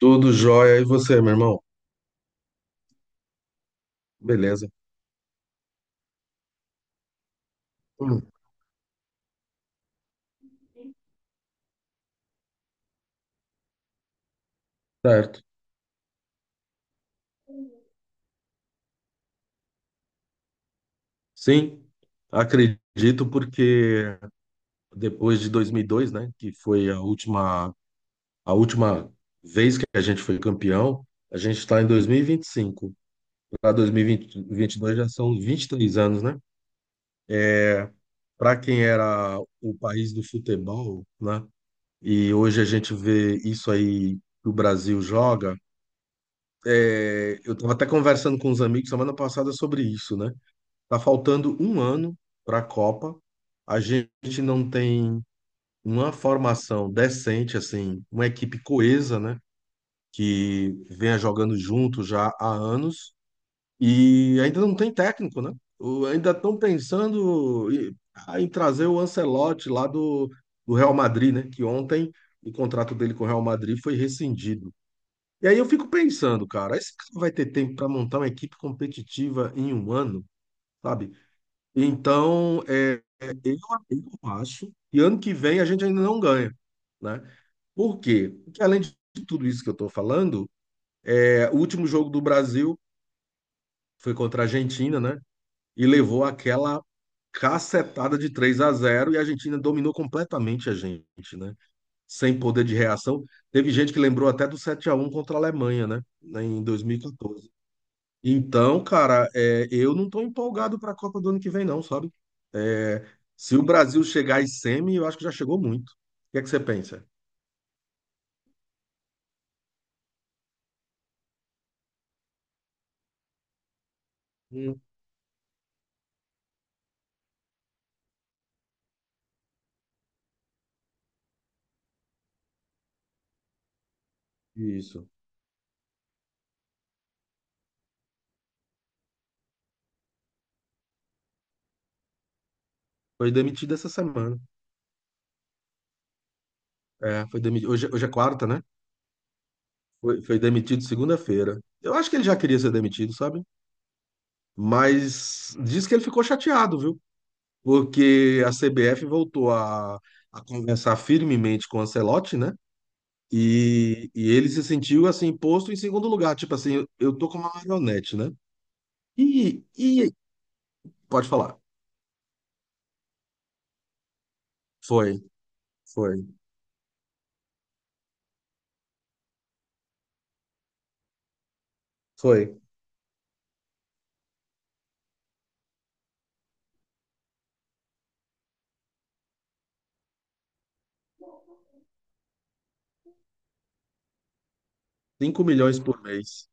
Tudo jóia. E você, meu irmão? Beleza. Hum, certo. Sim, acredito porque depois de 2002, né, que foi a última vez que a gente foi campeão, a gente está em 2025. Para 2022 já são 23 anos, né? É, Para quem era o país do futebol, né, e hoje a gente vê isso aí que o Brasil joga, eu estava até conversando com os amigos semana passada sobre isso, né? Tá faltando um ano para a Copa. A gente não tem uma formação decente, assim, uma equipe coesa, né? Que venha jogando junto já há anos e ainda não tem técnico, né? Ainda estão pensando em trazer o Ancelotti lá do Real Madrid, né? Que ontem o contrato dele com o Real Madrid foi rescindido. E aí eu fico pensando, cara, esse cara vai ter tempo para montar uma equipe competitiva em um ano? Sabe? Então, eu acho que ano que vem a gente ainda não ganha, né? Por quê? Porque além de tudo isso que eu estou falando, o último jogo do Brasil foi contra a Argentina, né? E levou aquela cacetada de 3-0 e a Argentina dominou completamente a gente, né? Sem poder de reação. Teve gente que lembrou até do 7-1 contra a Alemanha, né? Em 2014. Então, cara, eu não estou empolgado para a Copa do ano que vem, não, sabe? É, Se o Brasil chegar em semi, eu acho que já chegou muito. O que é que você pensa? Hum. Isso. Foi demitido essa semana. Foi demitido. Hoje, hoje é quarta, né? Foi demitido segunda-feira. Eu acho que ele já queria ser demitido, sabe? Mas diz que ele ficou chateado, viu? Porque a CBF voltou a conversar firmemente com o Ancelotti, né? Ele se sentiu assim posto em segundo lugar, tipo assim, eu tô com uma marionete, né? E, e pode falar. Foi, foi, foi. 5 milhões por mês.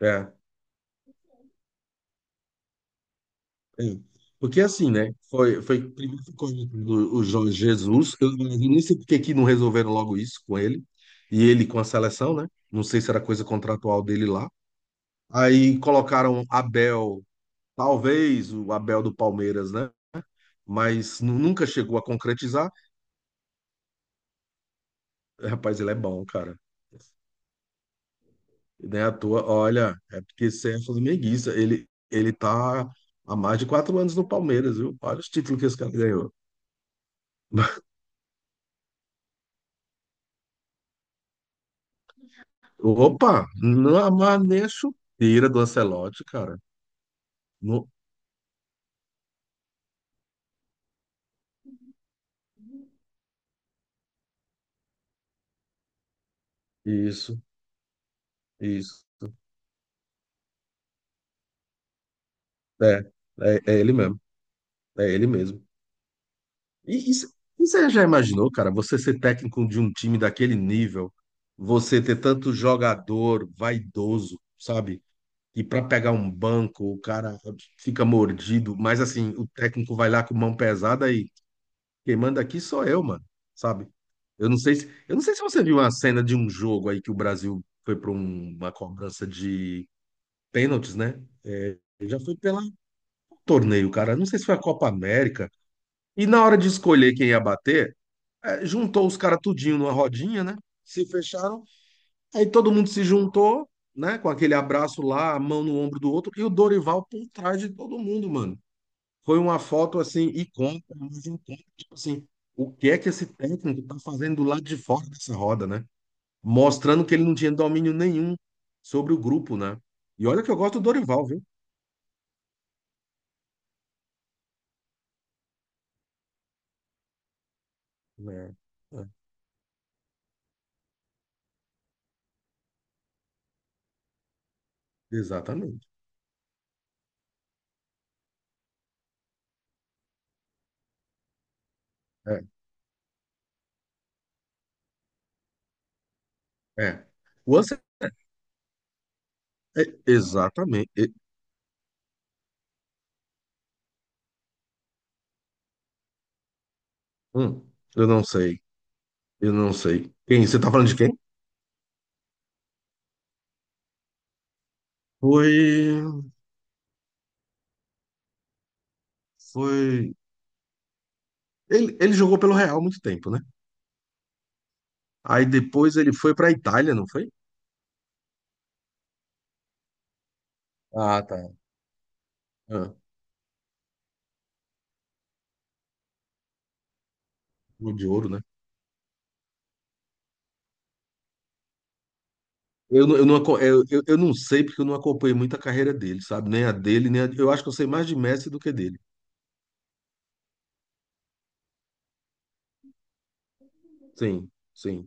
É. É. Porque assim, né? Foi primeiro ficou o Jorge Jesus. Eu nem sei por que que não resolveram logo isso com ele. E ele com a seleção, né? Não sei se era coisa contratual dele lá. Aí colocaram Abel, talvez o Abel do Palmeiras, né? Mas nunca chegou a concretizar. Rapaz, ele é bom, cara. Nem à toa, olha, é porque você é flamenguista. Ele tá há mais de 4 anos no Palmeiras, viu? Olha os títulos que esse cara ganhou. Opa, não amarra nem a chuteira do Ancelotti, cara. No- Isso, isso. É, É ele mesmo. É ele mesmo. E, e, c- e você já imaginou, cara, você ser técnico de um time daquele nível, você ter tanto jogador vaidoso, sabe? E para pegar um banco, o cara fica mordido, mas assim, o técnico vai lá com mão pesada e quem manda aqui sou eu, mano, sabe? Eu não sei se você viu uma cena de um jogo aí que o Brasil foi para uma cobrança de pênaltis, né? Já foi pelo torneio, cara. Não sei se foi a Copa América. E na hora de escolher quem ia bater, juntou os caras tudinho numa rodinha, né? Se fecharam. Aí todo mundo se juntou, né, com aquele abraço lá, a mão no ombro do outro, e o Dorival por trás de todo mundo, mano. Foi uma foto assim, icônica, mas icônica, tipo assim, o que é que esse técnico tá fazendo do lado de fora dessa roda, né? Mostrando que ele não tinha domínio nenhum sobre o grupo, né? E olha que eu gosto do Dorival, viu? É, é, Exatamente. É, é. O Ancelotti, exatamente. Hum, eu não sei, eu não sei. Quem? Você tá falando de quem? Foi. Foi. Ele jogou pelo Real há muito tempo, né? Aí depois ele foi pra Itália, não foi? Ah, tá. Ah, gol de ouro, né? Eu não sei porque eu não acompanhei muito a carreira dele, sabe? Nem a dele, nem a... Eu acho que eu sei mais de Messi do que dele. Sim, sim.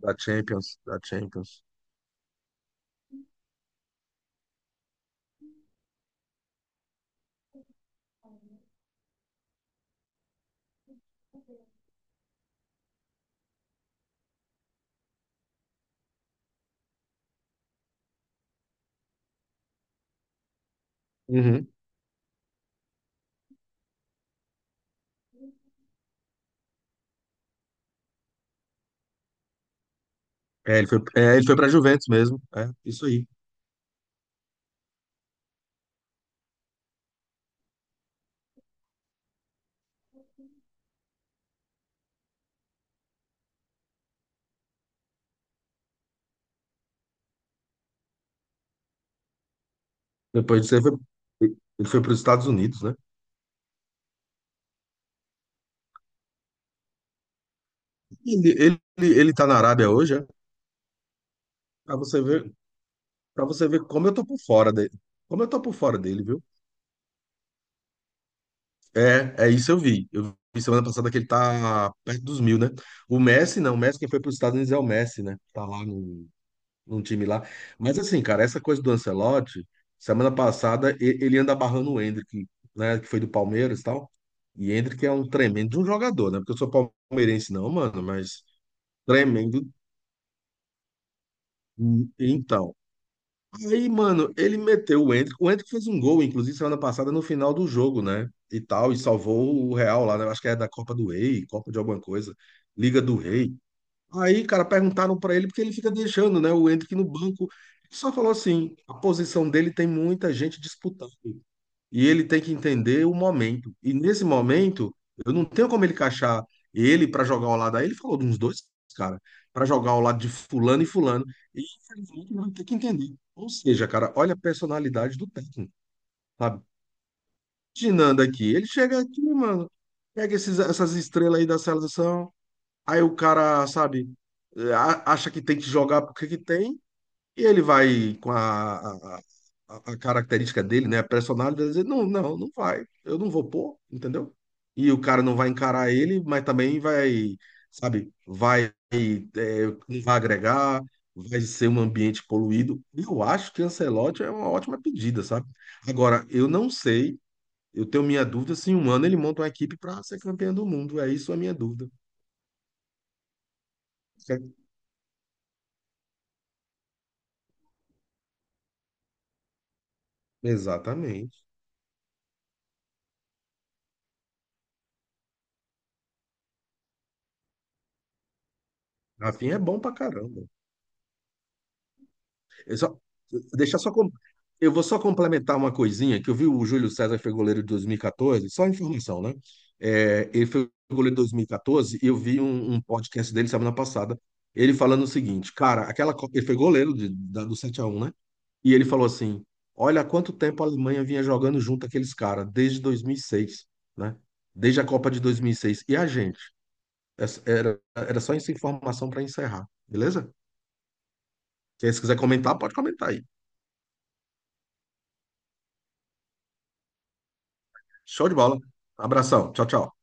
Da Champions, da Champions. Uhum. Ele foi pra Juventus mesmo. É, isso aí. Depois disso, ele foi para os Estados Unidos, né? Ele tá na Arábia hoje, é? Pra você ver, Para você ver como eu tô por fora dele. Como eu tô por fora dele, viu? É isso eu vi. Eu vi semana passada que ele tá perto dos mil, né? O Messi, não. O Messi, quem foi para os Estados Unidos é o Messi, né? Tá lá num, num time lá. Mas assim, cara, essa coisa do Ancelotti, semana passada ele anda barrando o Endrick, né? Que foi do Palmeiras e tal. E Endrick é um tremendo de um jogador, né? Porque eu sou palmeirense, não, mano, mas tremendo. Então. Aí, mano, ele meteu o Endrick. O Endrick fez um gol, inclusive, semana passada, no final do jogo, né? E tal, e salvou o Real lá, né? Acho que é da Copa do Rei, Copa de alguma coisa, Liga do Rei. Aí, cara, perguntaram pra ele porque ele fica deixando, né, o Endrick no banco. Ele só falou assim: a posição dele tem muita gente disputando e ele tem que entender o momento. E nesse momento, eu não tenho como ele encaixar ele para jogar ao lado. Aí ele falou de uns dois, cara, para jogar ao lado de fulano e fulano. E infelizmente ele vai ter que entender. Ou seja, cara, olha a personalidade do técnico, sabe? Imaginando aqui, ele chega aqui, mano, pega esses, essas estrelas aí da seleção, aí o cara, sabe, acha que tem que jogar porque que tem, e ele vai com a característica dele, né? A personalidade, vai dizer, não, não, não vai. Eu não vou pôr, entendeu? E o cara não vai encarar ele, mas também vai, sabe, vai, não vai agregar, vai ser um ambiente poluído. Eu acho que Ancelotti é uma ótima pedida, sabe? Agora, eu não sei, eu tenho minha dúvida se em um ano ele monta uma equipe para ser campeão do mundo. É isso a minha dúvida. Certo? Exatamente. Rafinha é bom pra caramba. Eu só, deixar só com- eu vou só complementar uma coisinha, que eu vi o Júlio César foi goleiro de 2014, só informação, né? É, ele foi goleiro de 2014 e eu vi um podcast dele semana passada, ele falando o seguinte, cara, aquela, ele foi goleiro do 7-1, né? E ele falou assim, olha há quanto tempo a Alemanha vinha jogando junto aqueles caras, desde 2006, né? Desde a Copa de 2006. E seis. E a gente? Essa- Era só essa informação para encerrar, beleza? Se quiser comentar, pode comentar aí. Show de bola. Abração. Tchau, tchau.